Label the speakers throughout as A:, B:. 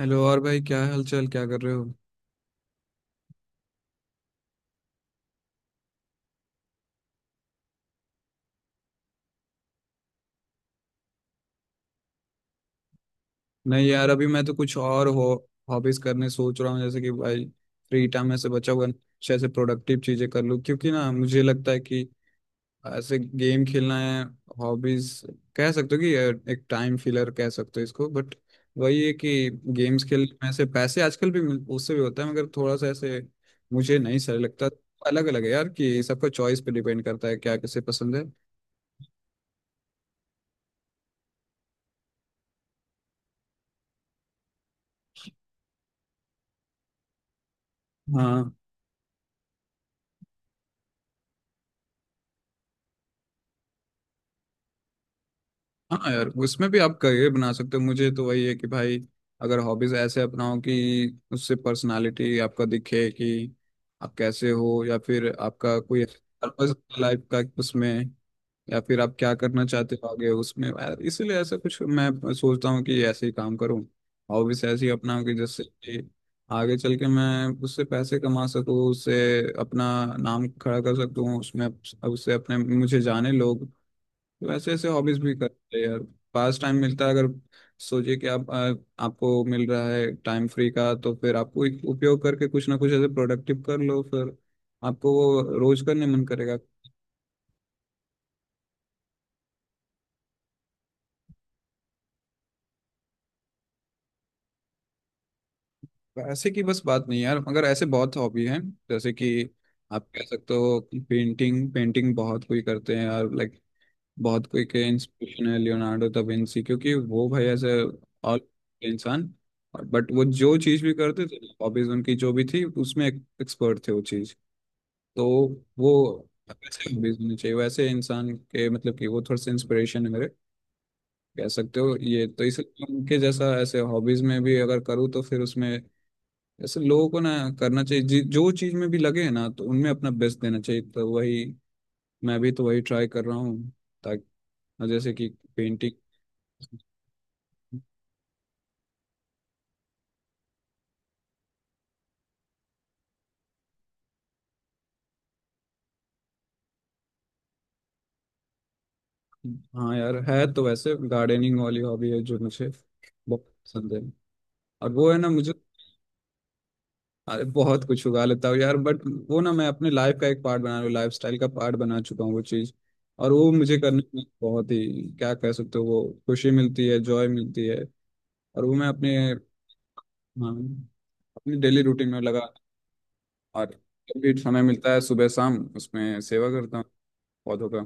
A: Hello और भाई, क्या हाल चाल, क्या कर रहे हो। नहीं यार, अभी मैं तो कुछ और हो हॉबीज करने सोच रहा हूँ। जैसे कि भाई फ्री टाइम में से बचा हुआ अच्छे से प्रोडक्टिव चीजें कर लूँ, क्योंकि ना मुझे लगता है कि ऐसे गेम खेलना है हॉबीज, कह सकते हो कि ये एक टाइम फिलर कह सकते हो इसको, बट वही है कि गेम्स खेलने में से पैसे आजकल भी उससे भी होता है, मगर थोड़ा सा ऐसे मुझे नहीं सही लगता। अलग अलग है यार कि सबका चॉइस पे डिपेंड करता है क्या किसे पसंद है। हाँ, हाँ यार, उसमें भी आप करियर बना सकते हो। मुझे तो वही है कि भाई अगर हॉबीज ऐसे अपनाओ कि उससे पर्सनालिटी आपका दिखे कि आप कैसे हो, या फिर आपका कोई पर्पस लाइफ का उसमें, या फिर आप क्या करना चाहते हो आगे उसमें यार, इसीलिए ऐसा कुछ मैं सोचता हूँ कि ऐसे ही काम करूँ। हॉबीज ऐसी अपनाऊँ कि जिससे कि आगे चल के मैं उससे पैसे कमा सकूँ, उससे अपना नाम खड़ा कर सकूँ उसमें, उससे अपने मुझे जाने लोग। वैसे ऐसे हॉबीज भी करते हैं यार, पास टाइम मिलता है। अगर सोचिए कि आप आपको मिल रहा है टाइम फ्री का, तो फिर आपको एक उपयोग करके कुछ ना कुछ ऐसे प्रोडक्टिव कर लो, फिर आपको वो रोज करने मन करेगा। ऐसे की बस बात नहीं यार, मगर ऐसे बहुत हॉबी हैं। जैसे कि आप कह सकते हो पेंटिंग, पेंटिंग बहुत कोई करते हैं यार। लाइक बहुत कोई के इंस्पिरेशन है लियोनार्डो दा विंची, क्योंकि वो भाई ऐसे ऑल इंसान, बट वो जो चीज भी करते थे, हॉबीज उनकी जो भी थी उसमें एक्सपर्ट थे वो चीज। तो वो वैसे हॉबीज होनी चाहिए वैसे इंसान के, मतलब कि वो थोड़ा सा इंस्पिरेशन है मेरे, कह सकते हो ये, तो इसलिए उनके जैसा ऐसे हॉबीज में भी अगर करूँ तो फिर उसमें ऐसे लोगों को ना करना चाहिए जो चीज में भी लगे ना, तो उनमें अपना बेस्ट देना चाहिए। तो वही मैं भी तो वही ट्राई कर रहा हूँ, ताकि जैसे कि पेंटिंग। हाँ यार, है तो वैसे गार्डनिंग वाली हॉबी है जो मुझे बहुत पसंद है। और वो है ना मुझे, अरे बहुत कुछ उगा लेता हूँ यार। बट वो ना, मैं अपने लाइफ का एक पार्ट बना रहा हूँ, लाइफ स्टाइल का पार्ट बना चुका हूँ वो चीज़। और वो मुझे करने में बहुत ही क्या कह सकते हो, वो खुशी मिलती है, जॉय मिलती है। और वो मैं अपने, हाँ, अपनी डेली रूटीन में लगा और जब भी समय मिलता है सुबह शाम उसमें सेवा करता हूँ पौधों का।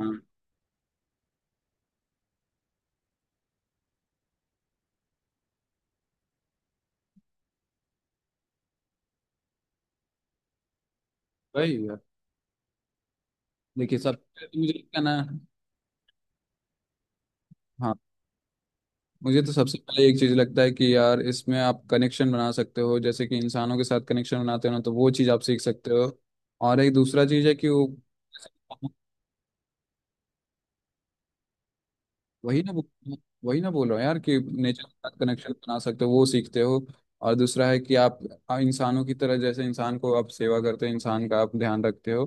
A: हाँ वही है। देखिए सब मुझे क्या ना, हाँ, मुझे तो सबसे पहले एक चीज लगता है कि यार इसमें आप कनेक्शन बना सकते हो। जैसे कि इंसानों के साथ कनेक्शन बनाते हो ना, तो वो चीज आप सीख सकते हो। और एक दूसरा चीज है कि वो, वही ना, वही ना बोल रहा हूँ यार कि नेचर के साथ कनेक्शन बना सकते हो, वो सीखते हो। और दूसरा है कि आप इंसानों की तरह, जैसे इंसान को आप सेवा करते हो, इंसान का आप ध्यान रखते हो,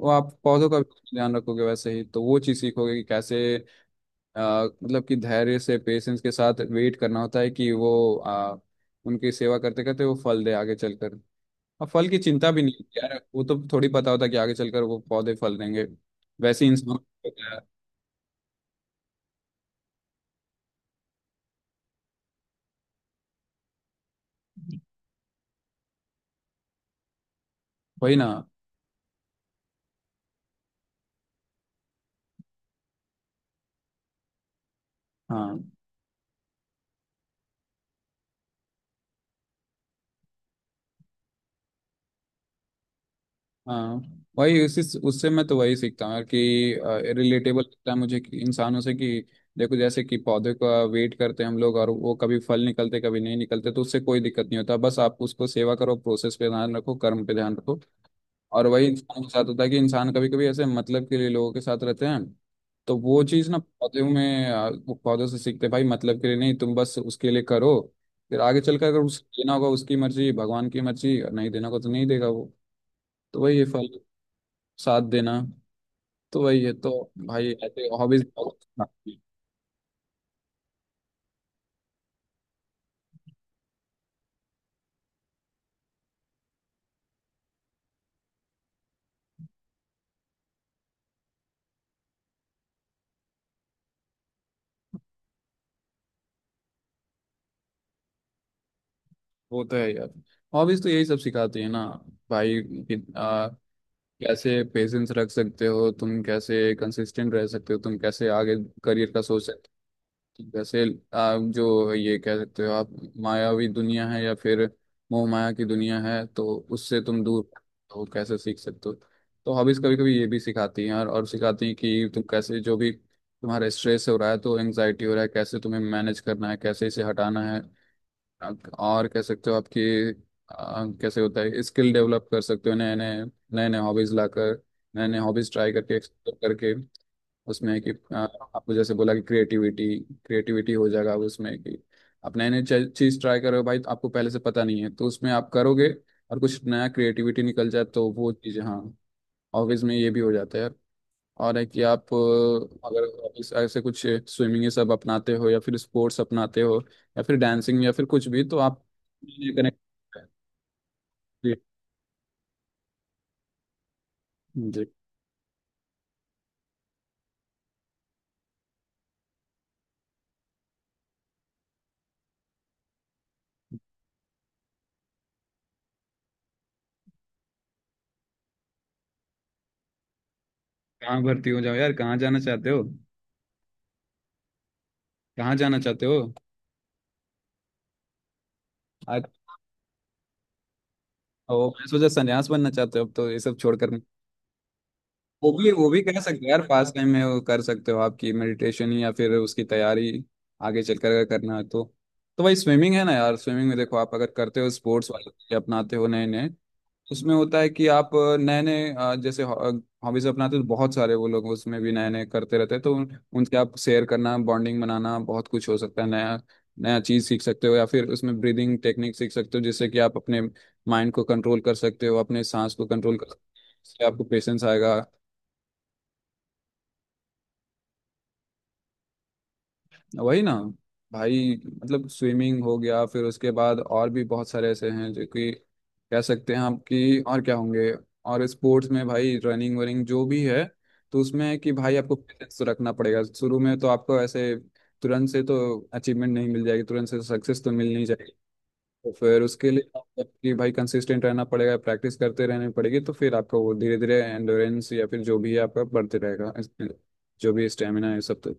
A: वो आप पौधों का भी ध्यान रखोगे वैसे ही। तो वो चीज सीखोगे कि कैसे मतलब कि धैर्य से, पेशेंस के साथ वेट करना होता है कि वो उनकी सेवा करते करते वो फल दे आगे चलकर। और फल की चिंता भी नहीं होती यार, वो तो थोड़ी पता होता है कि आगे चलकर वो पौधे फल देंगे। वैसे ही इंसान को होता है। वही ना। हाँ, हाँ। वही, उसी, उससे मैं तो वही सीखता हूँ यार कि रिलेटेबल लगता है मुझे कि इंसानों से कि देखो, जैसे कि पौधे का वेट करते हैं हम लोग, और वो कभी फल निकलते कभी नहीं निकलते, तो उससे कोई दिक्कत नहीं होता। बस आप उसको सेवा करो, प्रोसेस पे ध्यान रखो, कर्म पे ध्यान रखो। और वही इंसान के साथ होता है कि इंसान कभी कभी ऐसे मतलब के लिए लोगों के साथ रहते हैं। तो वो चीज़ ना पौधों में वो पौधों से सीखते हैं, भाई मतलब के लिए नहीं, तुम बस उसके लिए करो। फिर आगे चलकर अगर उसे देना होगा उसकी मर्जी, भगवान की मर्जी, और नहीं देना होगा तो नहीं देगा वो। तो वही है फल साथ देना। तो वही है, तो भाई ऐसे हॉबीज बहुत सिखाती हैं। वो तो है यार, हॉबीज तो यही सब सिखाती है ना भाई कि कैसे पेशेंस रख सकते हो तुम, कैसे कंसिस्टेंट रह सकते हो तुम, कैसे आगे करियर का सोच, जैसे आप जो ये कह सकते हो, आप मायावी दुनिया है या फिर मोह माया की दुनिया है, तो उससे तुम दूर हो कैसे सीख सकते हो। तो हॉबीज कभी कभी ये भी सिखाती हैं, और सिखाती हैं कि तुम कैसे जो भी तुम्हारा स्ट्रेस हो रहा है तो एंजाइटी हो रहा है, कैसे तुम्हें मैनेज करना है, कैसे इसे हटाना है। और कह सकते हो आपकी कैसे होता है, स्किल डेवलप कर सकते हो नए नए हॉबीज लाकर, नए नए हॉबीज ट्राई करके, एक्सप्लोर करके उसमें कि आपको जैसे बोला कि क्रिएटिविटी, क्रिएटिविटी हो जाएगा उसमें कि आप नए नए चीज ट्राई करो भाई, तो आपको पहले से पता नहीं है तो उसमें आप करोगे और कुछ नया क्रिएटिविटी निकल जाए तो वो चीज़, हाँ, ऑफिस में ये भी हो जाता है यार। और है कि आप अगर ऑफिस ऐसे कुछ स्विमिंग ये सब अपनाते हो या फिर स्पोर्ट्स अपनाते हो या फिर डांसिंग या फिर कुछ भी, तो आप कनेक्ट। जी, जी। कहाँ भर्ती हो जाओ यार, कहाँ जाना चाहते हो? कहाँ जाना चाहते हो? आज ओ, मैं सोचा संन्यास बनना चाहते हो अब तो, ये सब छोड़कर। वो भी, वो भी कह सकते हैं यार, फास्ट टाइम में वो कर सकते हो आपकी मेडिटेशन या फिर उसकी तैयारी आगे चलकर अगर करना है तो। तो भाई स्विमिंग है ना यार, स्विमिंग में देखो आप अगर करते हो स्पोर्ट्स वाले तरीके अपनाते हो नए नए, उसमें होता है कि आप नए नए जैसे हॉबीज अपनाते हो, तो बहुत सारे वो लोग उसमें भी नए नए करते रहते हैं, तो उनसे आप शेयर करना, बॉन्डिंग बनाना, बहुत कुछ हो सकता है। नया नया चीज़ सीख सकते हो, या फिर उसमें ब्रीदिंग टेक्निक सीख सकते हो, जिससे कि आप अपने माइंड को कंट्रोल कर सकते हो, अपने सांस को कंट्रोल कर सकते हो। इससे आपको पेशेंस आएगा। वही ना, भाई मतलब स्विमिंग हो गया, फिर उसके बाद और भी बहुत सारे ऐसे हैं जो कि कह सकते हैं आप कि और क्या होंगे। और स्पोर्ट्स में भाई रनिंग वनिंग जो भी है, तो उसमें है कि भाई आपको पेशेंस तो रखना पड़ेगा शुरू में, तो आपको ऐसे तुरंत से तो अचीवमेंट नहीं मिल जाएगी, तुरंत से सक्सेस तो मिल नहीं जाएगी। तो फिर उसके लिए आपको कि भाई कंसिस्टेंट रहना पड़ेगा, प्रैक्टिस करते रहने पड़ेगी, तो फिर आपका वो धीरे धीरे एंडोरेंस या फिर जो भी है आपका बढ़ते रहेगा। जो भी स्टेमिना है सब, तो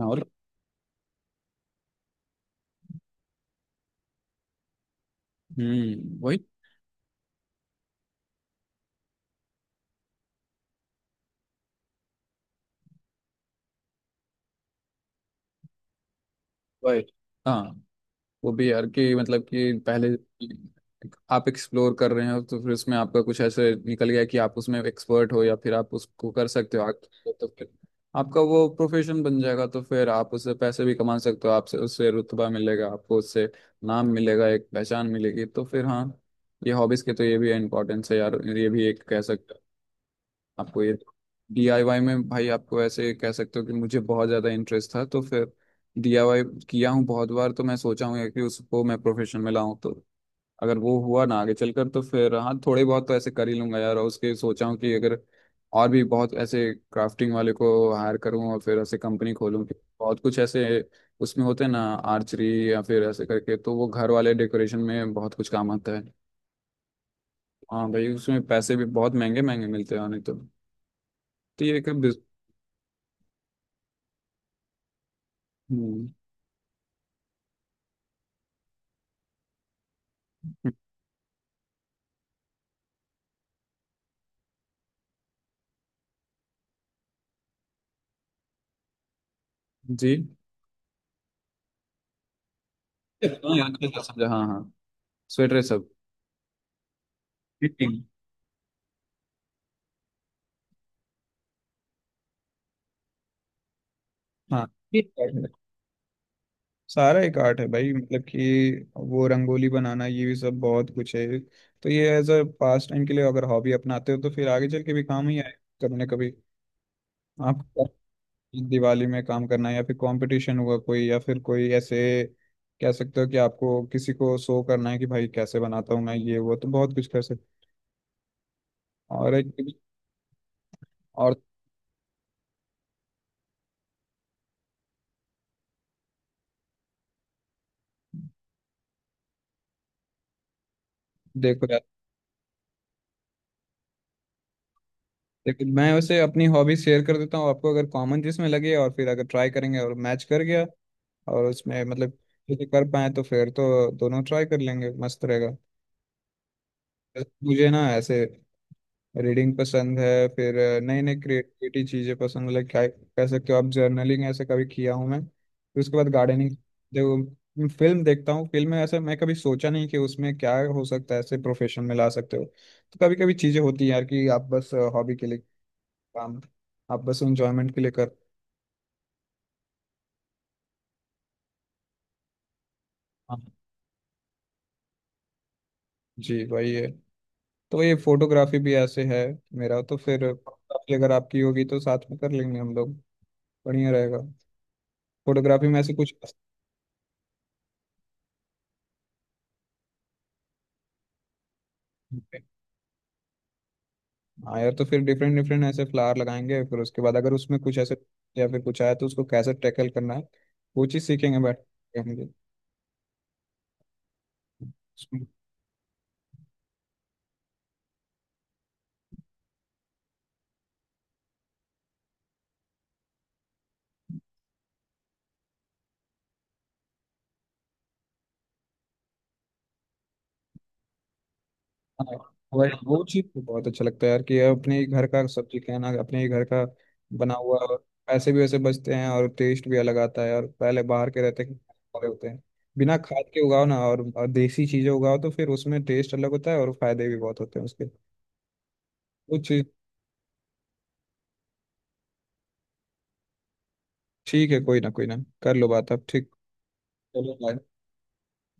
A: और। हम्म, वही वही। हाँ, वो भी यार कि मतलब कि पहले आप एक्सप्लोर कर रहे हो, तो फिर उसमें आपका कुछ ऐसे निकल गया कि आप उसमें एक्सपर्ट हो या फिर आप उसको कर सकते हो आगे, तो फिर आपका वो प्रोफेशन बन जाएगा, तो फिर आप उससे पैसे भी कमा सकते हो। आपसे उससे रुतबा मिलेगा आपको, उससे नाम मिलेगा, एक पहचान मिलेगी, तो फिर हाँ, ये हॉबीज के तो ये भी इम्पोर्टेंस है यार, ये भी एक कह सकते हैं आपको ये। डीआईवाई में भाई, आपको ऐसे कह सकते हो कि मुझे बहुत ज़्यादा इंटरेस्ट था, तो फिर डीआईवाई किया हूँ बहुत बार, तो मैं सोचा हूँ कि उसको मैं प्रोफेशन में लाऊं, तो अगर वो हुआ ना आगे चलकर तो फिर हाँ, थोड़े बहुत तो ऐसे कर ही लूंगा यार। और उसके सोचा हूँ कि अगर और भी बहुत ऐसे क्राफ्टिंग वाले को हायर करूँ और फिर ऐसे कंपनी खोलूँ। बहुत कुछ ऐसे उसमें होते हैं ना आर्चरी या फिर ऐसे करके, तो वो घर वाले डेकोरेशन में बहुत कुछ काम आता है। हाँ भाई, उसमें पैसे भी बहुत महंगे महंगे मिलते हैं नहीं तो। तो ये एक हम्म। जी। हाँ यार, कैसे समझा, हाँ हाँ। स्वेटर सब, फिटिंग। हाँ, ये आर्ट है। सारा एक आर्ट है भाई, मतलब कि वो रंगोली बनाना ये भी सब बहुत कुछ है। तो ये एज अ पास टाइम के लिए अगर हॉबी अपनाते हो तो फिर आगे चल के भी काम ही आए कभी ना कभी आपको, दिवाली में काम करना है या फिर कंपटीशन हुआ कोई या फिर कोई ऐसे कह सकते हो कि आपको किसी को शो करना है कि भाई कैसे बनाता हूँ मैं, ये वो तो बहुत कुछ कर सकते हो। और एक, और देखो, लेकिन मैं उसे अपनी हॉबी शेयर कर देता हूँ आपको, अगर कॉमन जिसमें लगे और फिर अगर ट्राई करेंगे और मैच कर गया और उसमें मतलब किसी कर पाए, तो फिर तो दोनों ट्राई कर लेंगे, मस्त रहेगा। मुझे ना ऐसे रीडिंग पसंद है, फिर नई नई क्रिएटिविटी चीज़ें पसंद है। लाइक क्या कह सकते हो आप, जर्नलिंग ऐसे कभी किया हूँ मैं, फिर उसके बाद गार्डनिंग। देखो, फिल्म देखता हूँ, फिल्म में ऐसे मैं कभी सोचा नहीं कि उसमें क्या हो सकता है, ऐसे प्रोफेशन में ला सकते हो। तो कभी कभी चीज़ें होती हैं यार कि आप बस हॉबी के लिए काम, आप बस इंजॉयमेंट के लिए कर, हाँ। जी वही है। तो ये फोटोग्राफी भी ऐसे है, मेरा, तो फिर फोटोग्राफी अगर आपकी होगी तो साथ में कर लेंगे हम लोग, बढ़िया रहेगा। फोटोग्राफी में ऐसे कुछ, हाँ यार, तो फिर डिफरेंट डिफरेंट ऐसे फ्लावर लगाएंगे, फिर उसके बाद अगर उसमें कुछ ऐसे या फिर कुछ आया तो उसको कैसे टैकल करना है, वो चीज़ सीखेंगे बैठ के हम लोग। हाँ, वही, वो चीज़ तो बहुत अच्छा लगता है यार कि अपने ही घर का सब्जी खाना, अपने ही घर का बना हुआ, और पैसे भी वैसे बचते हैं, और टेस्ट भी अलग आता है, और पहले बाहर के रहते वाले होते हैं बिना खाद के उगाओ ना, और देसी चीजें उगाओ तो फिर उसमें टेस्ट अलग होता है और फायदे भी बहुत होते हैं उसके, वो चीज। ठीक है, कोई ना, कोई ना, कर लो बात अब, ठीक। चलो बाय।